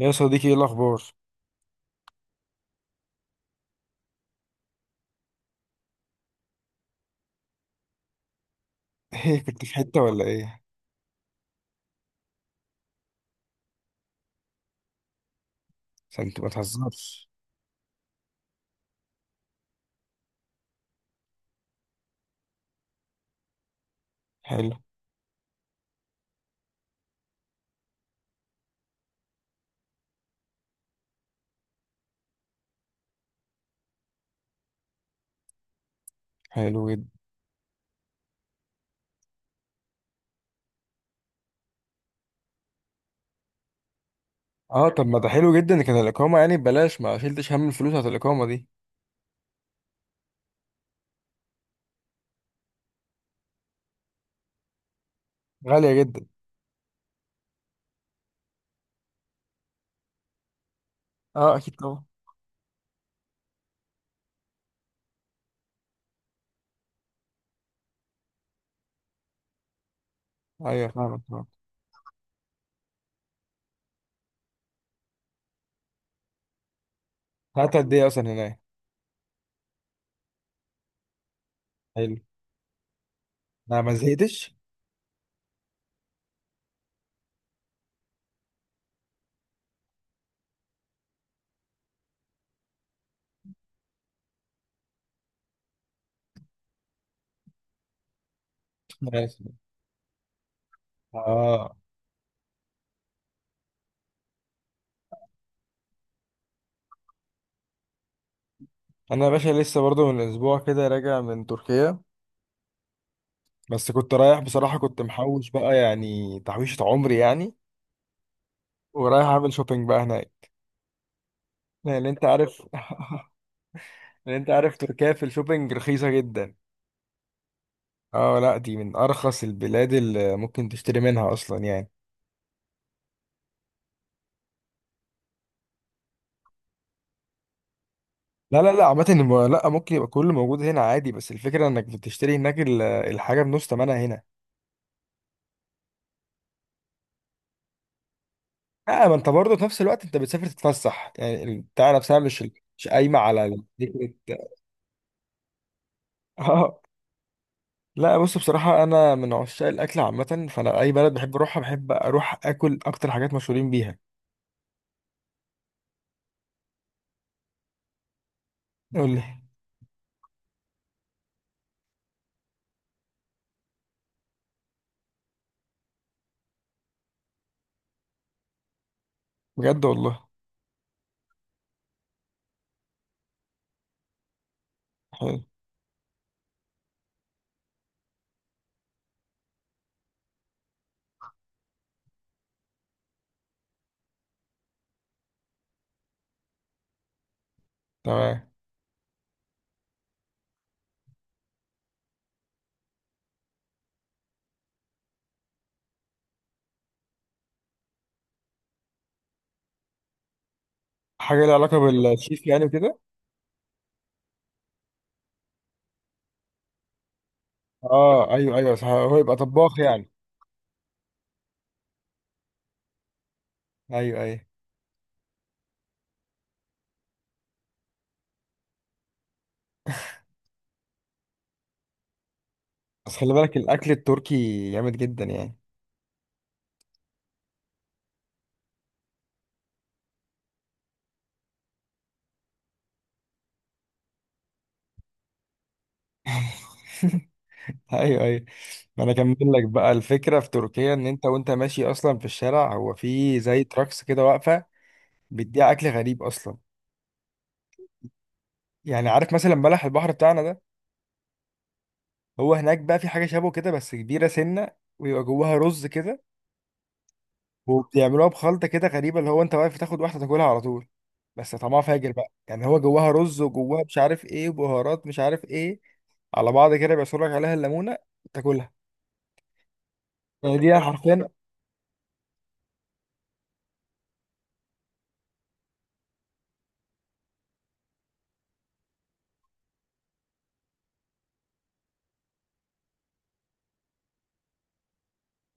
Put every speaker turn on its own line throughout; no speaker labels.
يا صديقي، ايه الاخبار؟ ايه، كنت في حته ولا ايه؟ عشان انت ما تهزرش. حلو. حلو جدا. اه، طب ما ده حلو جدا، كان الاقامه يعني ببلاش، ما شلتش هم الفلوس بتاعت الاقامه دي، غاليه جدا. اه اكيد طبعا. ايوه، فاهمك فاهمك. قعدت قد ايه اصلا هناك؟ حلو. انا ما زهقتش. ماشي. اه. انا يا باشا لسه برضو من اسبوع كده راجع من تركيا، بس كنت رايح بصراحه، كنت محوش بقى يعني تحويشه عمري يعني، ورايح اعمل شوبينج بقى هناك. لان انت عارف لأن انت عارف تركيا في الشوبينج رخيصة جدا. اه لا، دي من ارخص البلاد اللي ممكن تشتري منها اصلا يعني. لا لا لا، عامة لا، ممكن يبقى كله موجود هنا عادي، بس الفكرة انك بتشتري هناك الحاجة بنص تمنها هنا. لا، ما انت برضه في نفس الوقت انت بتسافر تتفسح، يعني البتاع نفسها مش قايمة على فكرة. اه لا، بص بصراحة، أنا من عشاق الأكل عامة، فأنا أي بلد بحب أروحها بحب أروح آكل أكتر حاجات مشهورين بيها. قول لي. بجد والله. حلو. تمام. حاجة لها علاقة بالشيف يعني وكده. اه ايوه ايوه صح، هو يبقى طباخ يعني. ايوه ايوه. بس خلي بالك الاكل التركي جامد جدا يعني. ايوه ايوه. ما انا اكمل لك بقى الفكره في تركيا، ان انت وانت ماشي اصلا في الشارع، هو في زي تراكس كده واقفه بتبيع اكل غريب اصلا. يعني عارف مثلا بلح البحر بتاعنا ده، هو هناك بقى في حاجه شبه كده بس كبيره سنه، ويبقى جواها رز كده، وبيعملوها بخلطة كده غريبة، اللي هو انت واقف تاخد واحدة تاكلها على طول. بس طعمها فاجر بقى، يعني هو جواها رز وجواها مش عارف ايه وبهارات مش عارف ايه، على بعض كده، بيعصر لك عليها الليمونة، تاكلها. يعني دي حرفيا.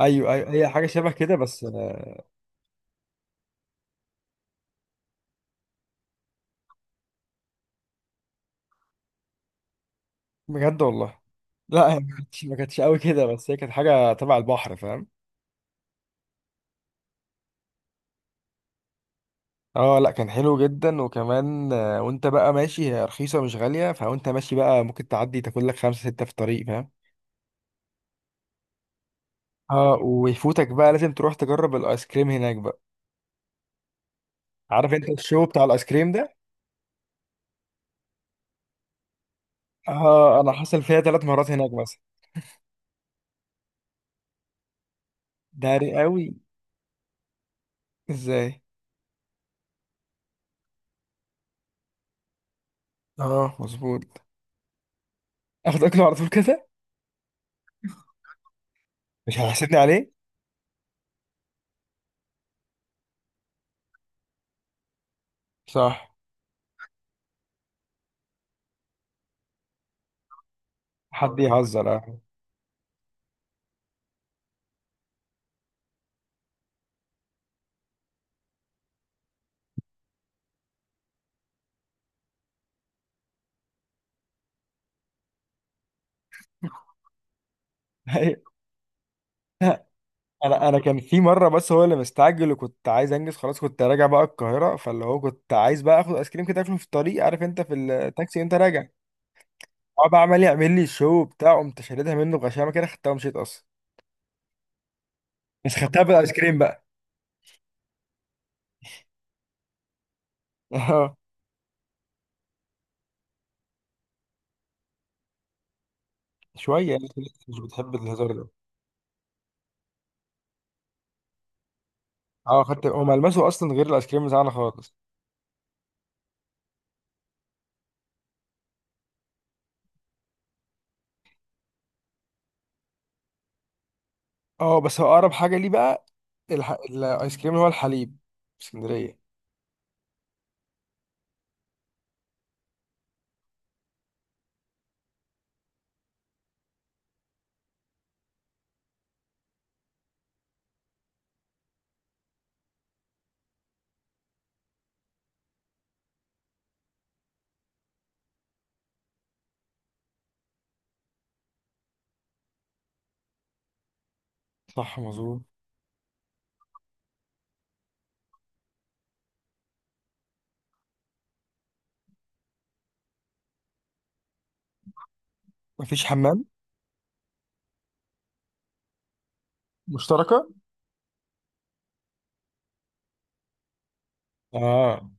ايوه ايوه، هي حاجة شبه كده، بس بجد والله. لا، هي ما كانتش قوي كده، بس هي كانت حاجة تبع البحر، فاهم؟ اه لا، كان حلو جدا. وكمان وانت بقى ماشي، هي رخيصة مش غالية، فوانت ماشي بقى ممكن تعدي تاكل لك خمسة ستة في الطريق، فاهم؟ اه. ويفوتك بقى لازم تروح تجرب الايس كريم هناك بقى. عارف انت الشو بتاع الايس كريم ده؟ اه، انا حصل فيها ثلاث مرات هناك مثلا. داري قوي. ازاي؟ اه مظبوط. اخد اكله على طول كده. مش هيحاسبني عليه. صح. حد يهزر، اه. أيوة. انا كان في مره، بس هو اللي مستعجل، وكنت عايز انجز خلاص، كنت راجع بقى القاهره، فاللي هو كنت عايز بقى اخد ايس كريم كده اكله في الطريق، عارف انت في التاكسي انت راجع. هو بقى عمال يعمل لي الشو بتاعه، قمت شاردها منه بغشامه كده، خدتها ومشيت اصلا. بس خدتها بالايس كريم بقى. اه. شويه يعني. مش بتحب الهزار. اه خدت. هو ملمسه اصلا غير الايس كريم بتاعنا خالص. اه، بس هو اقرب حاجه ليه بقى الايس كريم اللي هو الحليب في اسكندريه. صح مظبوط. مفيش حمام. مشتركة. اه.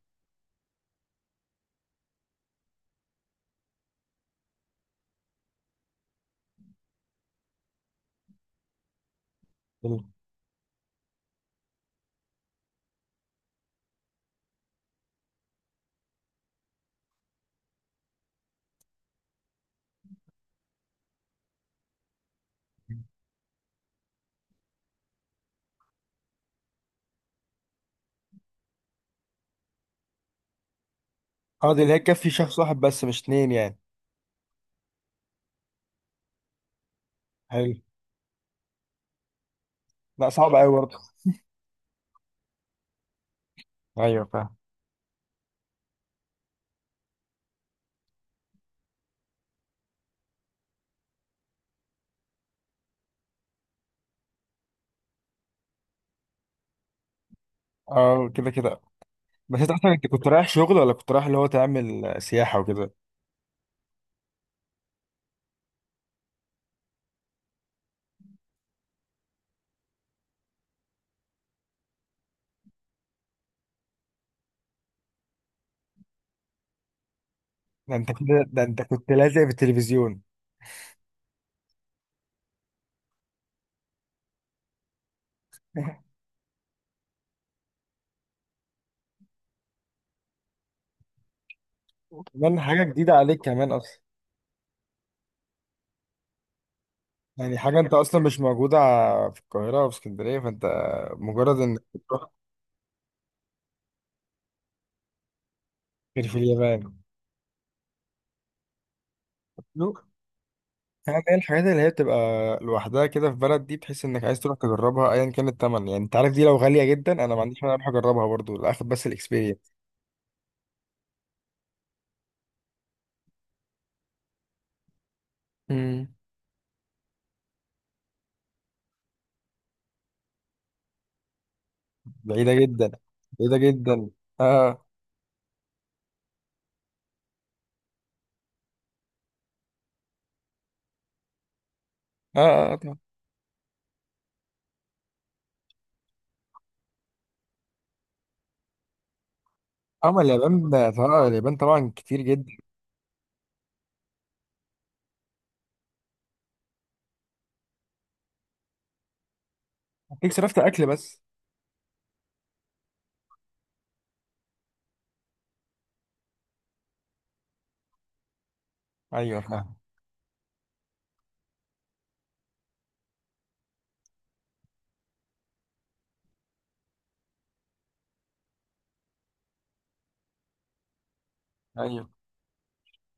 حلو. اه، دي اللي هي تكفي شخص واحد بس مش اتنين يعني. حلو. لا، صعب قوي برضه. ايوه فاهم. اه كده كده. بس انت اصلا انت كنت رايح شغل، ولا كنت رايح اللي هو تعمل سياحه وكده؟ ده انت كده، ده انت كنت لازق في التلفزيون. كمان حاجه جديده عليك كمان اصلا. يعني حاجة انت اصلا مش موجودة في القاهرة او في اسكندرية، فانت مجرد انك بتروح. غير في اليابان. لو حاجة، هي الحاجات اللي هي بتبقى لوحدها كده في بلد، دي بتحس انك عايز تروح تجربها ايا كان التمن، يعني انت عارف دي لو غالية جدا انا ما عنديش مانع اروح اجربها برضو لاخد بس الاكسبيرينس. امم. بعيدة جدا. بعيدة جدا. اه اه اه آه، طبعا. اما اليابان طبعا، اليابان طبعا كتير جدا. هتلاقيك صرفت اكل بس. ايوه فاهم. ايوه.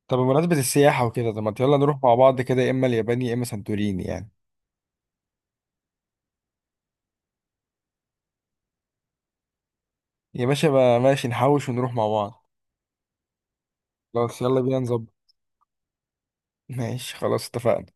طب بمناسبة السياحة وكده، طب ما يلا نروح مع بعض كده، يا اما اليابان يا اما سانتوريني يعني. يا باشا بقى ماشي، نحوش ونروح مع بعض. خلاص يلا بينا نظبط. ماشي خلاص اتفقنا.